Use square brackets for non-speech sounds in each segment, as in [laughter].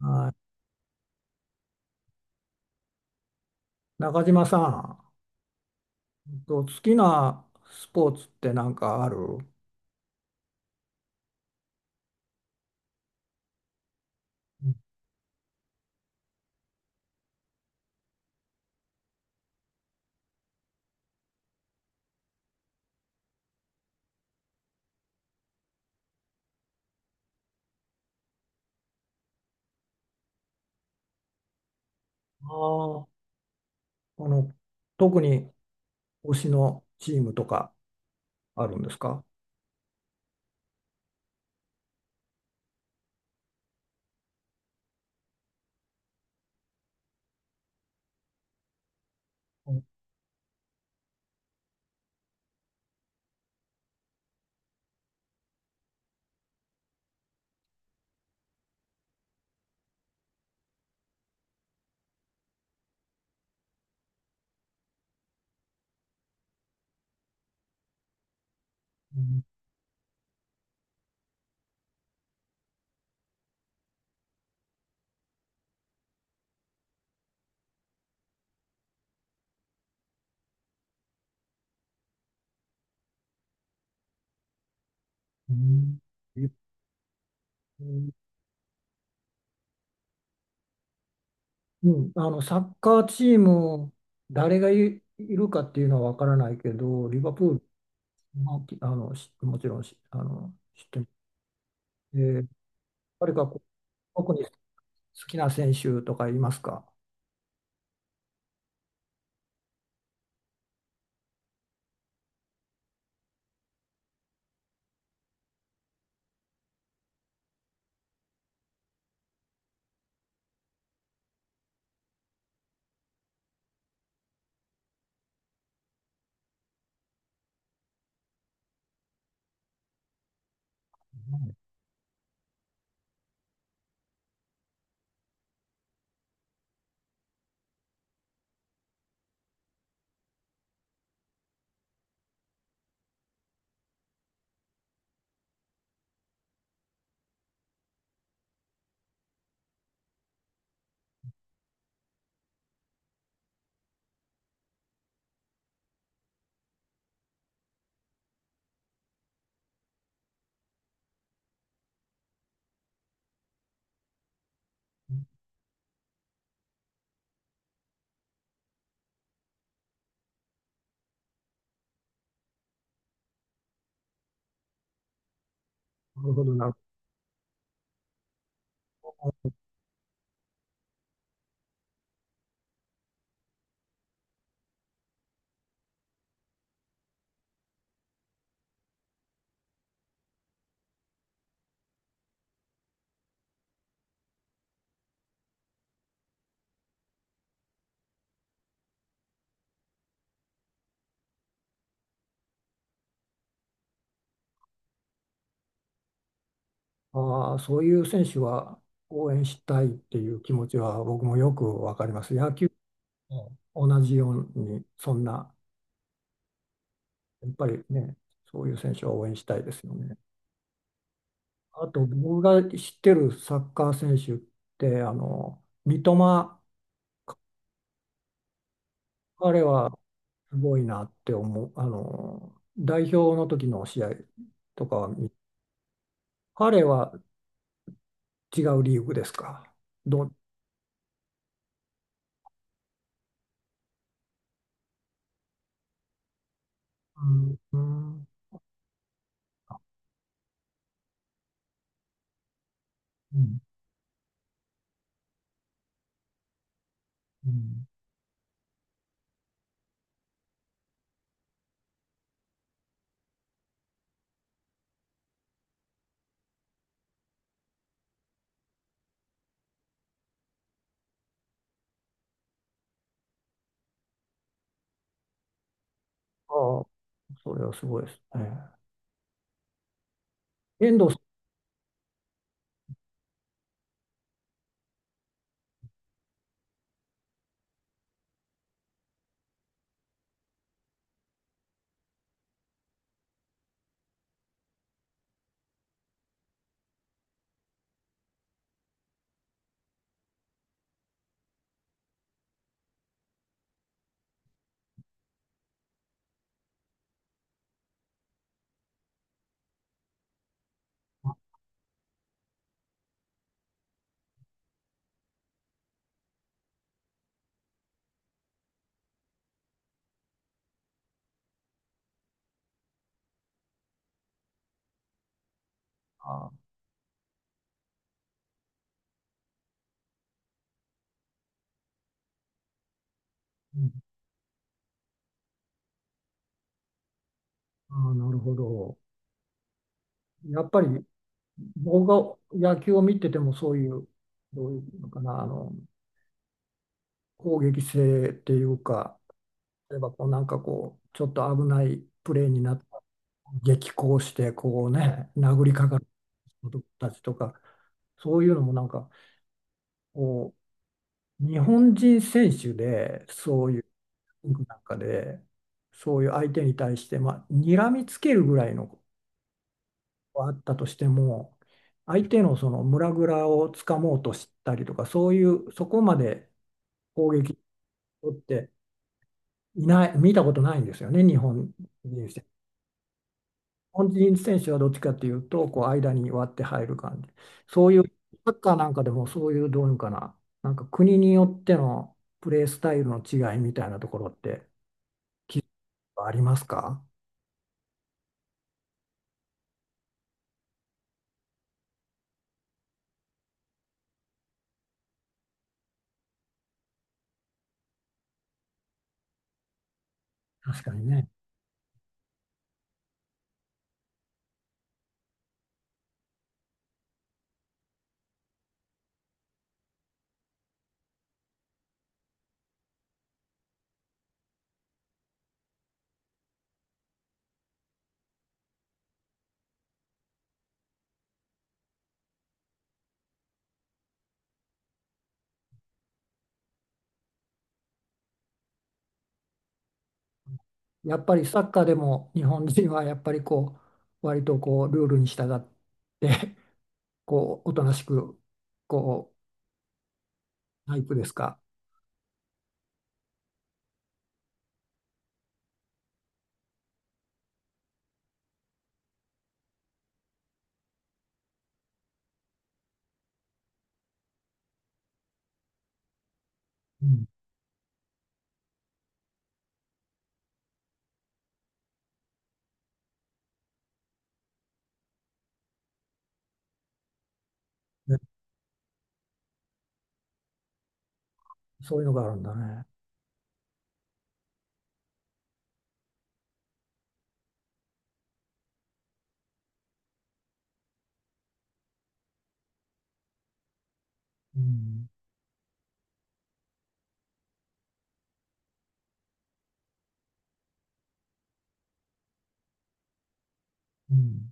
はい中島さん、好きなスポーツって何かあるあ [laughs] あーあの、特に推しのチームとかあるんですか？うんうんうん。あの、サッカーチーム、誰がい、いるかっていうのは分からないけど、リバプール、まあ、あの、もちろんあの、知ってます。えー誰かこう特に好きな選手とかいますか？なるほど、なああ、そういう選手は応援したいっていう気持ちは僕もよくわかります。野球も同じように、そんな、やっぱりね、そういう選手は応援したいですよね。あと、僕が知ってるサッカー選手って、あの、三笘、彼はすごいなって思う。あの、代表の時の試合とかは見、彼は違うリーグですか。ど、うん、うん、うん。うん。ああ、それはすごいですね。遠藤さんは、うん。ああ、なるほど。やっぱり僕が野球を見ててもそういう、どういうのかな、あの攻撃性っていうか、例えばこう、ちょっと危ないプレーになったら激高して、こうね、殴りかかる人たちとか、そういうのもなんかこ日本人選手でそういうなんかで、そういう相手に対して、まあ、睨みつけるぐらいのことはあったとしても、相手のその胸ぐらをつかもうとしたりとか、そういう、そこまで攻撃をっていない、見たことないんですよね、日本人選手。日本人選手はどっちかというと、こう間に割って入る感じ。そういう、サッカーなんかでもそういう、どういうのかな、なんか国によってのプレースタイルの違いみたいなところってありますか？確かにね。やっぱりサッカーでも日本人はやっぱりこう割とこうルールに従って [laughs] こうおとなしくこタイプですか？うん。ね、そういうのがあるんだね。うんうん。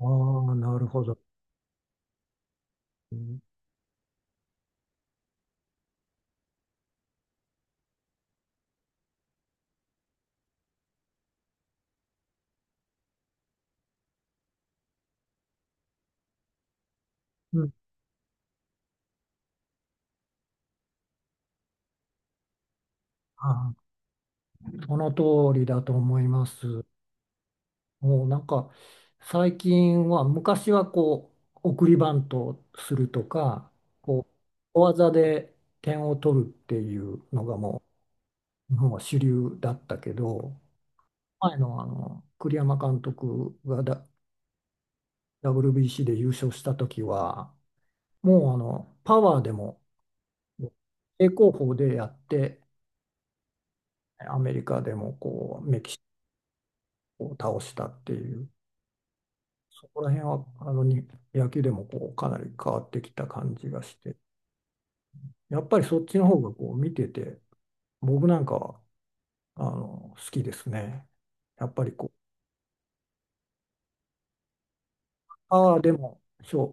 ああ、なるほど。うん。あーその通りだと思います。もうなんか最近は昔はこう送りバントをするとかこう小技で点を取るっていうのがもう日本は主流だったけど、前の、あの栗山監督がWBC で優勝した時は、もうあのパワーでも正攻法でやって、アメリカでもこうメキシコを倒したっていう、そこら辺はあのに野球でもこうかなり変わってきた感じがして、やっぱりそっちの方がこう見てて、僕なんかはあの好きですね。やっぱりこうパワーでも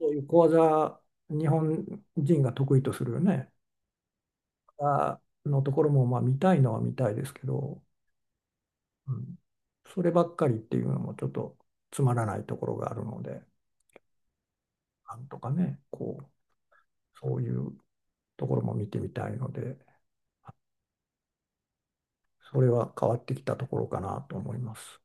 そういう小技、日本人が得意とするよね、あのところもまあ見たいのは見たいですけど、うん、そればっかりっていうのもちょっとつまらないところがあるので、なんとかね、こう、そういうところも見てみたいので、それは変わってきたところかなと思います。